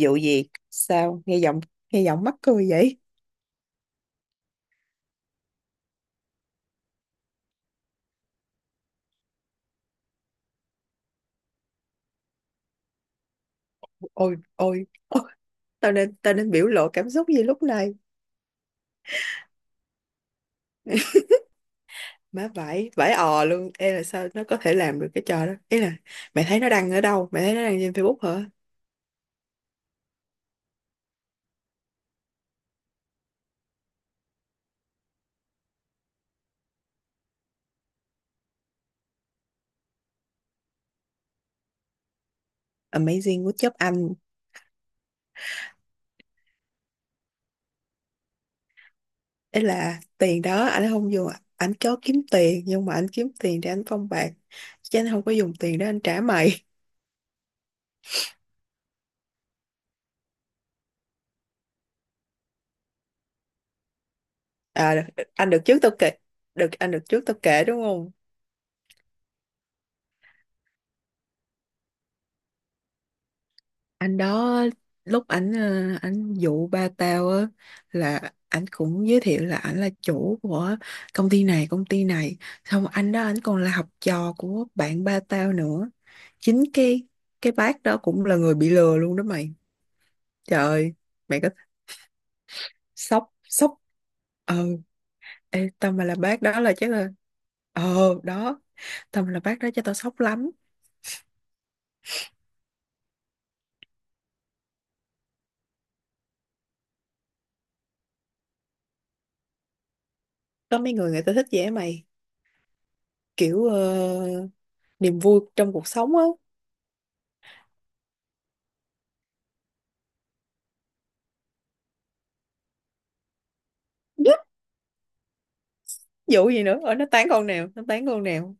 Vụ gì? Sao? Nghe giọng mắc cười vậy? Ôi, ôi, ôi, tao nên biểu lộ cảm xúc gì lúc này? Má vãi, vãi ò luôn. Ê, là sao nó có thể làm được cái trò đó? Ý là mày thấy nó đăng ở đâu? Mày thấy nó đăng trên Facebook hả? Amazing của job anh. Ý là tiền đó anh không dùng, anh có kiếm tiền nhưng mà anh kiếm tiền để anh phong bạc. Chứ anh không có dùng tiền để anh trả mày. À, anh được trước tao kể. Anh được trước tao kể đúng không? Anh đó, lúc ảnh ảnh dụ ba tao á, là ảnh cũng giới thiệu là ảnh là chủ của công ty này. Xong anh đó ảnh còn là học trò của bạn ba tao nữa. Chính cái bác đó cũng là người bị lừa luôn đó mày. Trời ơi, mày có sốc sốc ờ ê, tao mà là bác đó là chắc là ờ đó, tao mà là bác đó cho tao sốc lắm. Có mấy người người ta thích vậy á mày, kiểu niềm vui trong cuộc sống á. Vụ gì nữa ở nó tán con nào, nó tán con nào?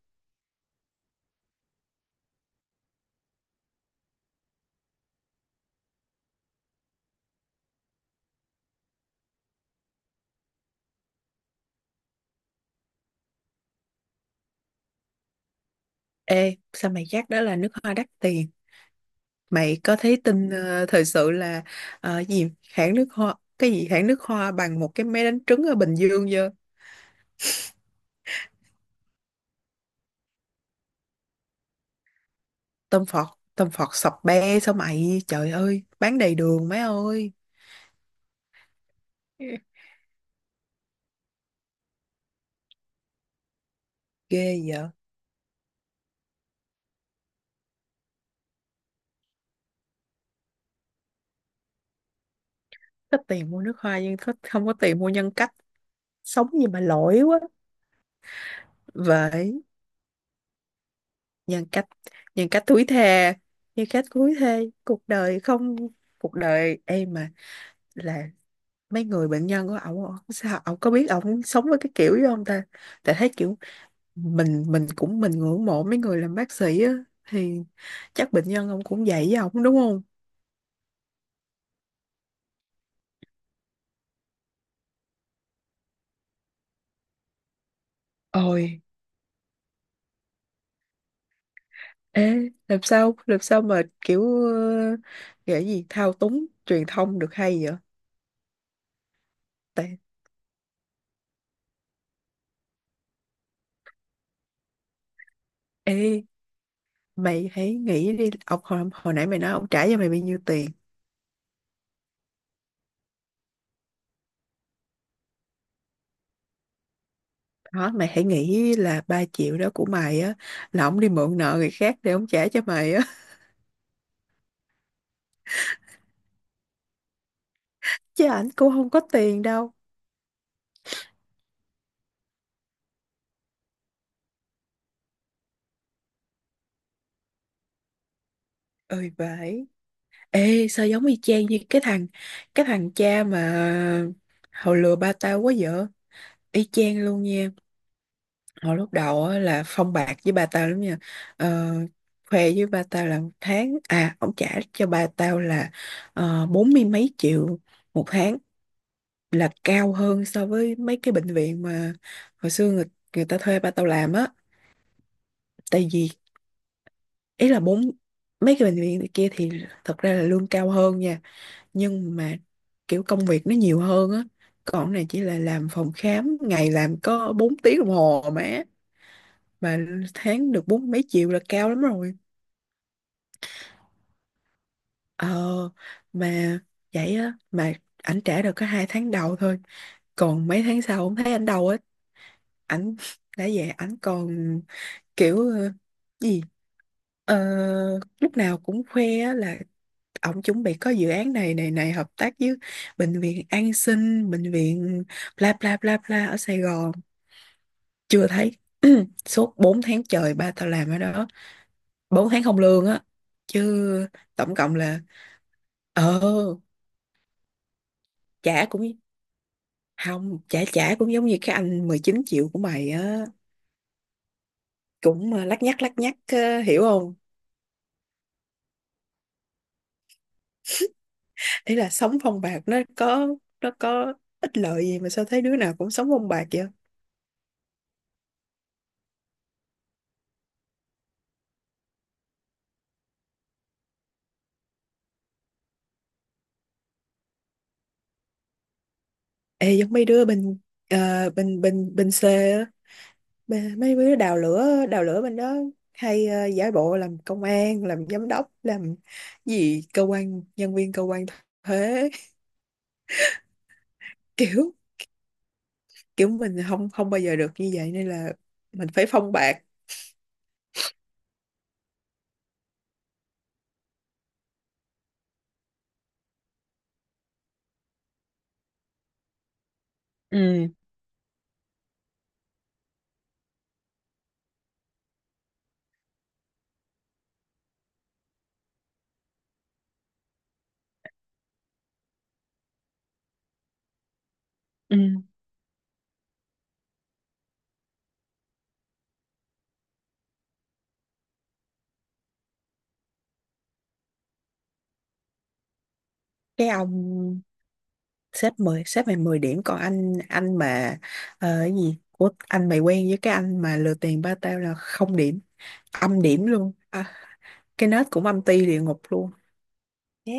Ê, sao mày chắc đó là nước hoa đắt tiền? Mày có thấy tin thời sự là gì hãng nước hoa, cái gì hãng nước hoa bằng một cái máy đánh trứng ở Bình Dương chưa? Tôm phọt, tôm phọt sập be sao mày, trời ơi, bán đầy đường mấy ơi. Ghê vậy. Có tiền mua nước hoa nhưng không có tiền mua nhân cách. Sống gì mà lỗi quá vậy. Nhân cách, thúi thề, cuộc đời không, cuộc đời em mà là mấy người bệnh nhân của ổng, ổng sao ổng có biết ổng sống với cái kiểu đó không ta. Tại thấy kiểu mình ngưỡng mộ mấy người làm bác sĩ á, thì chắc bệnh nhân ông cũng vậy với ổng đúng không. Ôi. Ê, làm sao mà kiểu ờ, gọi gì thao túng truyền thông được hay vậy? Tại ê, mày hãy nghĩ đi ông hồi nãy mày nói ông trả cho mày bao nhiêu tiền. Đó, mày hãy nghĩ là 3 triệu đó của mày á, là ổng đi mượn nợ người khác để ổng trả cho mày á. Chứ ảnh cũng không có tiền đâu. Ơi, vậy. Ê sao giống y chang như cái thằng cha mà hồi lừa ba tao quá vậy. Y chang luôn nha. Hồi lúc đầu á là phong bạc với ba tao lắm nha. ờ, Khoe với ba tao là một tháng à, ổng trả cho ba tao là bốn mươi mấy triệu một tháng, là cao hơn so với mấy cái bệnh viện mà hồi xưa người ta thuê ba tao làm á. Tại vì, ý là bốn, mấy cái bệnh viện này kia thì thật ra là lương cao hơn nha, nhưng mà kiểu công việc nó nhiều hơn á. Còn cái này chỉ là làm phòng khám, ngày làm có 4 tiếng đồng hồ mà tháng được bốn mấy triệu là cao lắm rồi. ờ mà vậy á, mà ảnh trả được có 2 tháng đầu thôi, còn mấy tháng sau không thấy ảnh đâu á. Ảnh đã về, ảnh còn kiểu gì, Ờ, lúc nào cũng khoe á là ổng chuẩn bị có dự án này này này hợp tác với bệnh viện An Sinh, bệnh viện bla bla bla bla ở Sài Gòn. Chưa thấy. Suốt 4 tháng trời ba tao làm ở đó, 4 tháng không lương á, chứ tổng cộng là ờ trả cũng không trả, trả cũng giống như cái anh 19 triệu của mày á, cũng lắc nhắc, lắc nhắc hiểu không. Ý là sống phong bạc nó có ích lợi gì mà sao thấy đứa nào cũng sống phong bạc vậy. Ê giống mấy đứa bên bên C á, mấy đứa đào lửa, đào lửa bên đó, hay giả bộ làm công an, làm giám đốc, làm gì cơ quan, nhân viên cơ quan thuế. Kiểu, kiểu mình không, không bao giờ được như vậy nên là mình phải phong bạc. Ừ, ừ. Cái ông sếp, mười sếp mày 10 điểm, còn anh, mà cái gì của anh mày quen với cái anh mà lừa tiền ba tao là không điểm, âm điểm luôn à, cái nết cũng âm ti địa ngục luôn. Thế.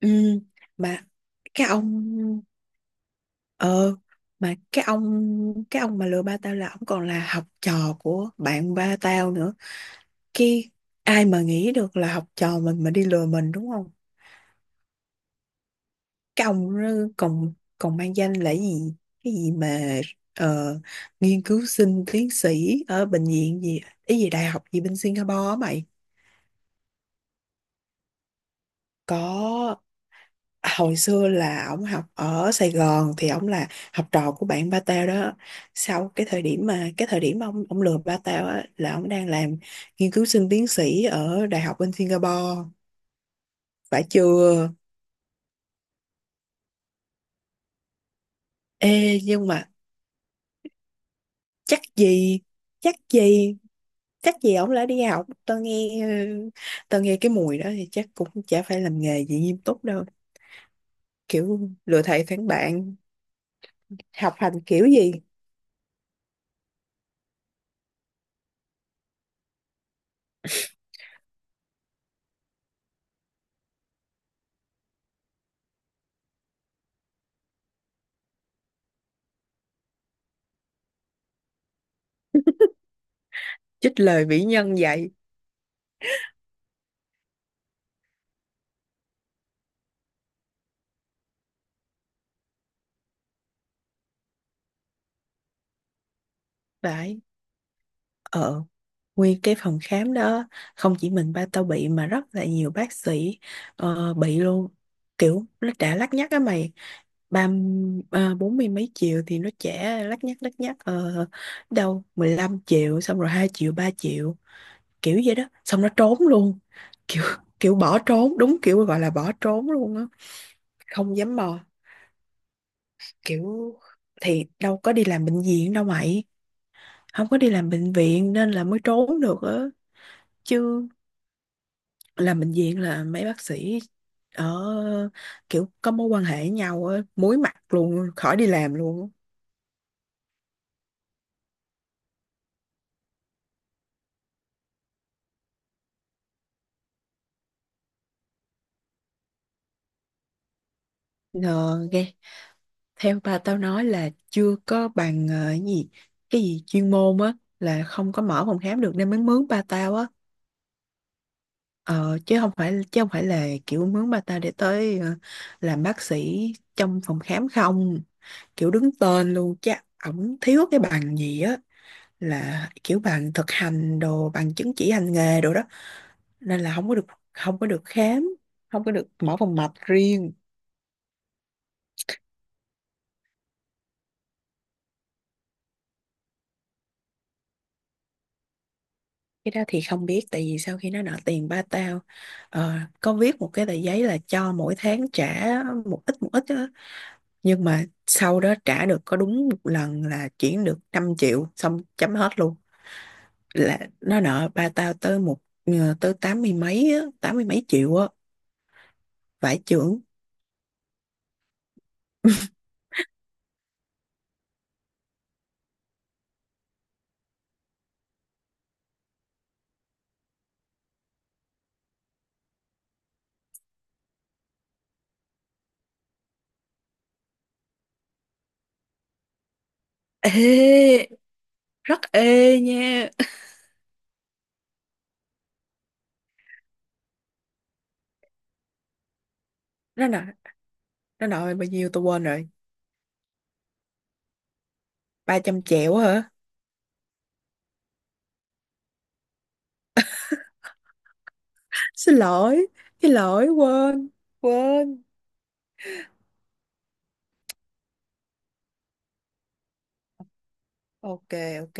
Ừ, mà cái ông ờ mà cái ông mà lừa ba tao là ông còn là học trò của bạn ba tao nữa kia. Ai mà nghĩ được là học trò mình mà đi lừa mình đúng không. Cái ông đó còn, mang danh là gì, cái gì mà ờ, nghiên cứu sinh tiến sĩ ở bệnh viện gì, cái gì đại học gì bên Singapore á mày. Có, hồi xưa là ổng học ở Sài Gòn thì ổng là học trò của bạn ba tao đó. Sau cái thời điểm mà, cái thời điểm mà ông lừa ba tao á là ổng đang làm nghiên cứu sinh tiến sĩ ở đại học bên Singapore. Phải chưa. Ê nhưng mà, chắc gì, chắc gì, chắc gì ổng đã đi học. Tao nghe tao nghe cái mùi đó thì chắc cũng chả phải làm nghề gì nghiêm túc đâu, kiểu lừa thầy phản bạn, học hành kiểu gì. Trích lời vĩ nhân vậy. Phải. ờ Nguyên cái phòng khám đó không chỉ mình ba tao bị, mà rất là nhiều bác sĩ bị luôn. Kiểu nó đã lắt nhắt á mày. ba bốn mươi mấy triệu thì nó trả lắt nhắt, lắt nhắt đâu 15 triệu, xong rồi 2 triệu, 3 triệu, kiểu vậy đó, xong nó trốn luôn. Kiểu, kiểu bỏ trốn, đúng kiểu gọi là bỏ trốn luôn á. Không dám mò. Kiểu thì đâu có đi làm bệnh viện đâu mày, không có đi làm bệnh viện nên là mới trốn được á. Chứ làm bệnh viện là mấy bác sĩ ở kiểu có mối quan hệ với nhau á, muối mặt luôn khỏi đi làm luôn á. Ờ, ghê. Theo ba tao nói là chưa có bằng cái gì, cái gì chuyên môn á, là không có mở phòng khám được nên mới mướn ba tao á. Ờ, chứ không phải là kiểu mướn bà ta để tới làm bác sĩ trong phòng khám không, kiểu đứng tên luôn. Chắc ổng thiếu cái bằng gì á, là kiểu bằng thực hành đồ, bằng chứng chỉ hành nghề đồ đó, nên là không có được, không có được khám, không có được mở phòng mạch riêng. Cái đó thì không biết, tại vì sau khi nó nợ tiền ba tao ờ, có viết một cái tờ giấy là cho mỗi tháng trả một ít, một ít, nhưng mà sau đó trả được có đúng một lần là chuyển được 5 triệu, xong chấm hết luôn. Là nó nợ ba tao tới tới tám mươi mấy á, tám mươi mấy triệu á. Vải trưởng. Ê rất, ê nha. Nó nợ nó nợ bao nhiêu tôi quên rồi. 300 triệu hả? Xin lỗi, quên, quên ok, OK.